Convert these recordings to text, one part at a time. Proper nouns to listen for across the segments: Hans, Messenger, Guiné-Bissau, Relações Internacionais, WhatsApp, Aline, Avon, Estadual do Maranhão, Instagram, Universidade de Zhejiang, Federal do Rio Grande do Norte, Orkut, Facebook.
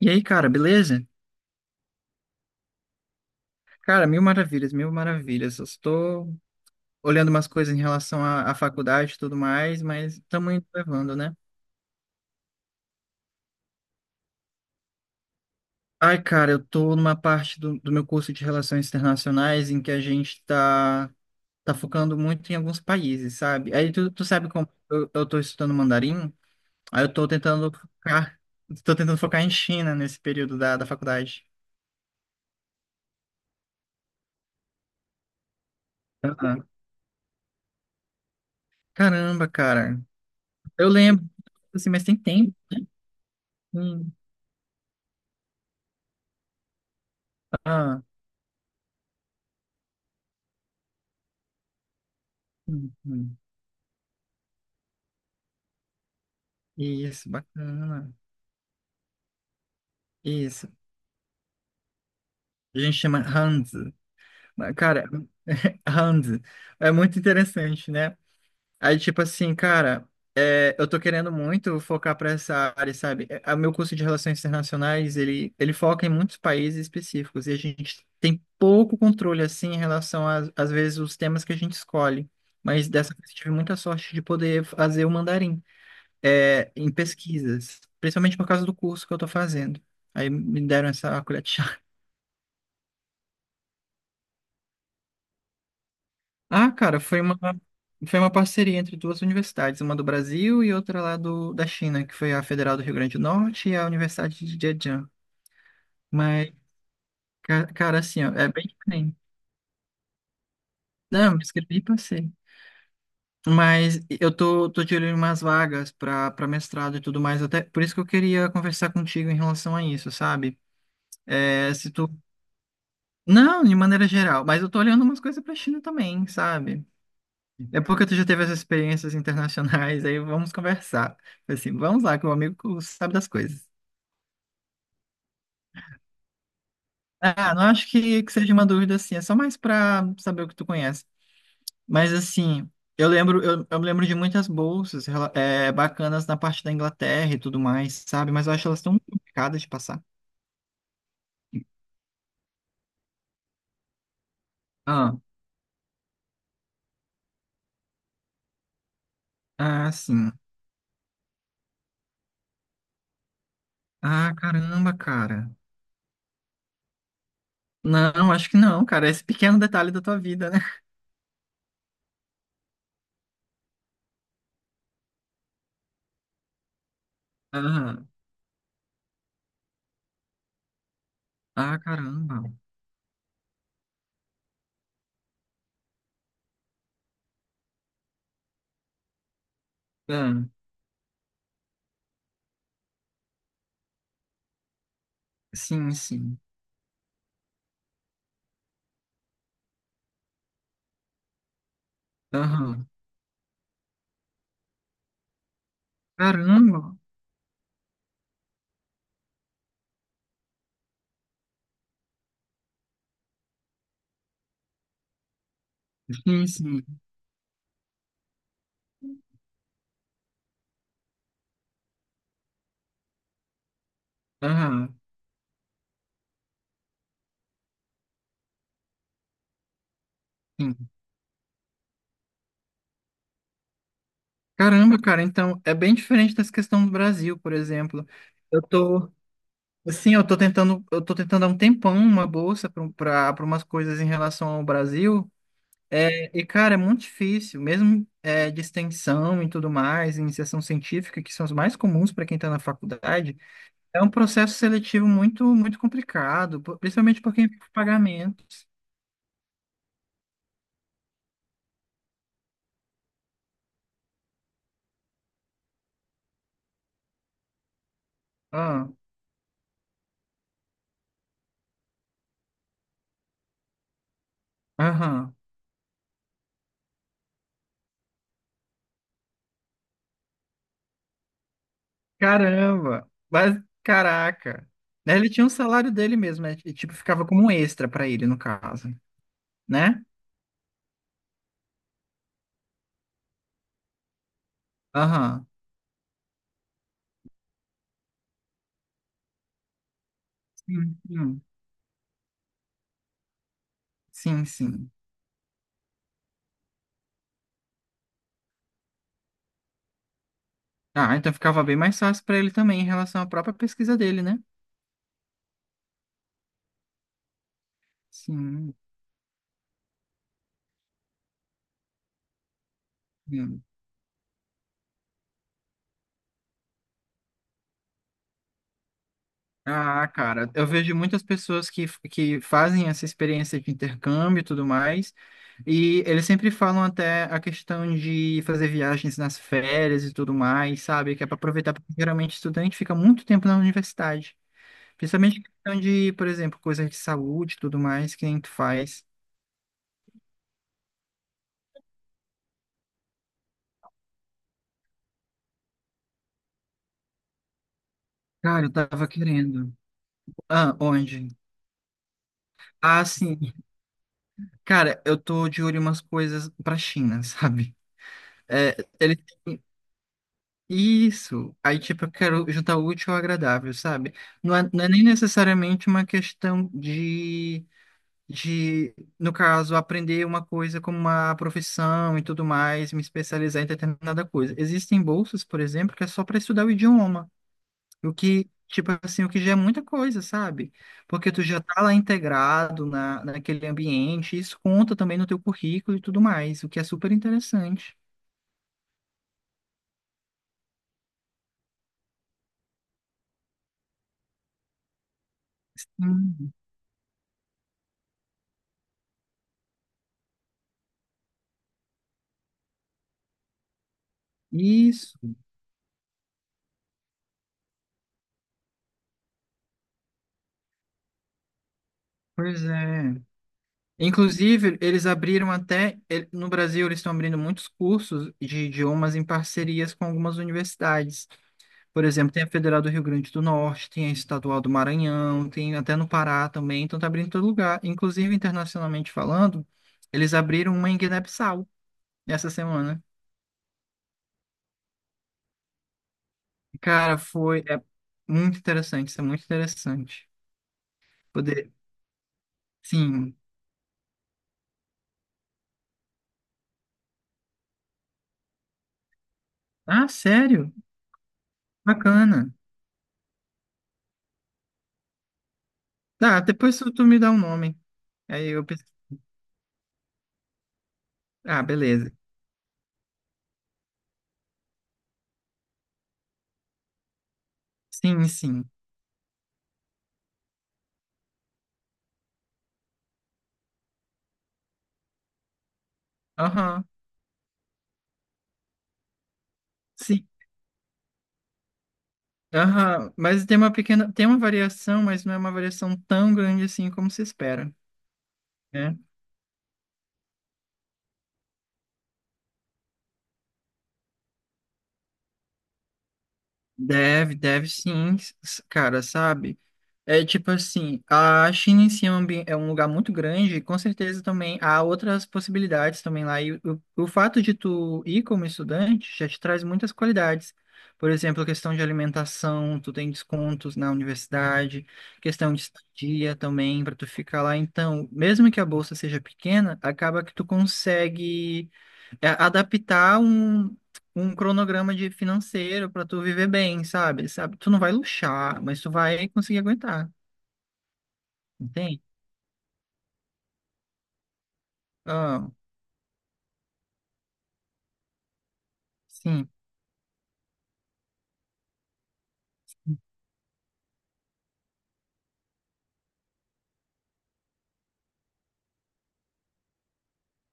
E aí, cara, beleza? Cara, mil maravilhas, mil maravilhas. Eu estou olhando umas coisas em relação à faculdade e tudo mais, mas estamos indo levando, né? Ai, cara, eu tô numa parte do meu curso de Relações Internacionais em que a gente tá focando muito em alguns países, sabe? Aí tu sabe como eu tô estudando mandarim, aí eu tô tentando focar em China nesse período da faculdade. Ah, caramba, cara. Eu lembro, assim, mas tem tempo. Hum, ah, hum. Isso, bacana. Isso. A gente chama Hans. Mas, cara, Hans, é muito interessante, né? Aí, tipo assim, cara, eu tô querendo muito focar pra essa área, sabe? É, o meu curso de Relações Internacionais, ele foca em muitos países específicos e a gente tem pouco controle, assim, em relação às vezes, os temas que a gente escolhe. Mas dessa vez eu tive muita sorte de poder fazer o mandarim. É em pesquisas, principalmente por causa do curso que eu estou fazendo. Aí me deram essa colher de chá. Ah, cara, foi uma parceria entre duas universidades, uma do Brasil e outra lá do, da China, que foi a Federal do Rio Grande do Norte e a Universidade de Zhejiang. Mas, cara, assim, ó, é bem diferente. Não, me inscrevi e passei. Mas eu tô de olho em umas vagas para mestrado e tudo mais, até por isso que eu queria conversar contigo em relação a isso, sabe? É, se tu Não, de maneira geral, mas eu tô olhando umas coisas pra China também, sabe? É porque tu já teve essas experiências internacionais, aí vamos conversar. Assim, vamos lá, que o amigo sabe das coisas. Ah, não acho que seja uma dúvida assim, é só mais pra saber o que tu conhece. Mas assim, eu me lembro de muitas bolsas bacanas na parte da Inglaterra e tudo mais, sabe? Mas eu acho elas tão complicadas de passar. Ah, ah, sim. Ah, caramba, cara. Não, acho que não, cara. Esse pequeno detalhe da tua vida, né? Ah, caramba. É, sim, sim. Aham. Caramba. Sim, sim. Aham. Sim. Caramba, cara, então é bem diferente dessa questão do Brasil, por exemplo. Eu tô, assim, eu tô tentando há um tempão uma bolsa para umas coisas em relação ao Brasil. Cara, é muito difícil, mesmo de extensão e tudo mais, iniciação científica, que são os mais comuns para quem está na faculdade, é um processo seletivo muito, muito complicado, principalmente por quem tem pagamentos. Ah, aham. Caramba. Mas, caraca. Né, ele tinha um salário dele mesmo, né? E, tipo, ficava como um extra pra ele, no caso, né? Aham. Sim, sim. Sim, sim. Ah, então ficava bem mais fácil pra ele também em relação à própria pesquisa dele, né? Sim. Sim. Ah, cara, eu vejo muitas pessoas que fazem essa experiência de intercâmbio e tudo mais. E eles sempre falam até a questão de fazer viagens nas férias e tudo mais, sabe? Que é para aproveitar, porque geralmente estudante fica muito tempo na universidade. Principalmente questão de, por exemplo, coisas de saúde e tudo mais, que nem tu faz. Cara, eu tava querendo. Ah, onde? Ah, sim. Cara, eu tô de olho em umas coisas pra China, sabe? É, ele... Isso. Aí, tipo, eu quero juntar o útil ao agradável, sabe? Não é nem necessariamente uma questão de de, no caso, aprender uma coisa como uma profissão e tudo mais, me especializar em determinada coisa. Existem bolsas, por exemplo, que é só para estudar o idioma, o que, tipo assim, o que já é muita coisa, sabe? Porque tu já tá lá integrado naquele ambiente, isso conta também no teu currículo e tudo mais, o que é super interessante. Hum. Isso, pois é. Inclusive, eles abriram até, no Brasil, eles estão abrindo muitos cursos de idiomas em parcerias com algumas universidades. Por exemplo, tem a Federal do Rio Grande do Norte, tem a Estadual do Maranhão, tem até no Pará também, então tá abrindo em todo lugar. Inclusive, internacionalmente falando, eles abriram uma em Guiné-Bissau essa semana. Cara, foi é muito interessante, isso é muito interessante. Poder, sim. Ah, sério? Bacana. Tá, depois tu me dá o nome. Aí eu penso, ah, beleza. Sim, sim. Aham. Sim. Aham, mas tem uma variação, mas não é uma variação tão grande assim como se espera. Né? Deve, deve sim, cara, sabe? É tipo assim, a China em si é um é um lugar muito grande, e com certeza também há outras possibilidades também lá. E o fato de tu ir como estudante já te traz muitas qualidades. Por exemplo, questão de alimentação, tu tem descontos na universidade, questão de estadia também para tu ficar lá. Então, mesmo que a bolsa seja pequena, acaba que tu consegue adaptar um cronograma de financeiro para tu viver bem, sabe? Sabe? Tu não vai luxar, mas tu vai conseguir aguentar, entende? Ah, sim.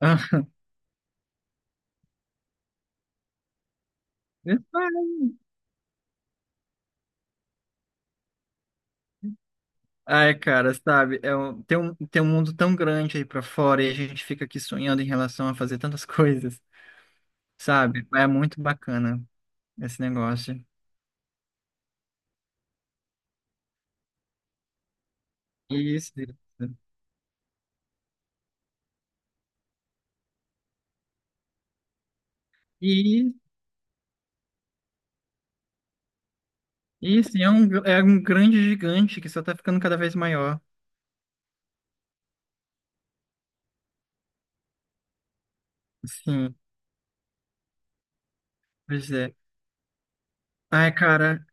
Ah, Ai, cara, sabe? Tem um mundo tão grande aí pra fora e a gente fica aqui sonhando em relação a fazer tantas coisas, sabe? É muito bacana esse negócio. Isso, isso. E isso, e é um grande gigante que só tá ficando cada vez maior. Sim, pois é. Ai, cara.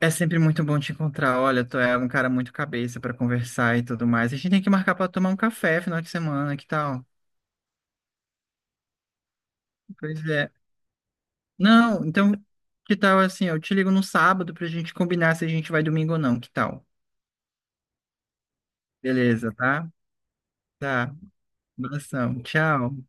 É sempre muito bom te encontrar. Olha, tu é um cara muito cabeça pra conversar e tudo mais. A gente tem que marcar pra tomar um café final de semana, que tal? Pois é. Não, então, que tal assim? Eu te ligo no sábado pra gente combinar se a gente vai domingo ou não, que tal? Beleza, tá? Tá. Abração. Tchau.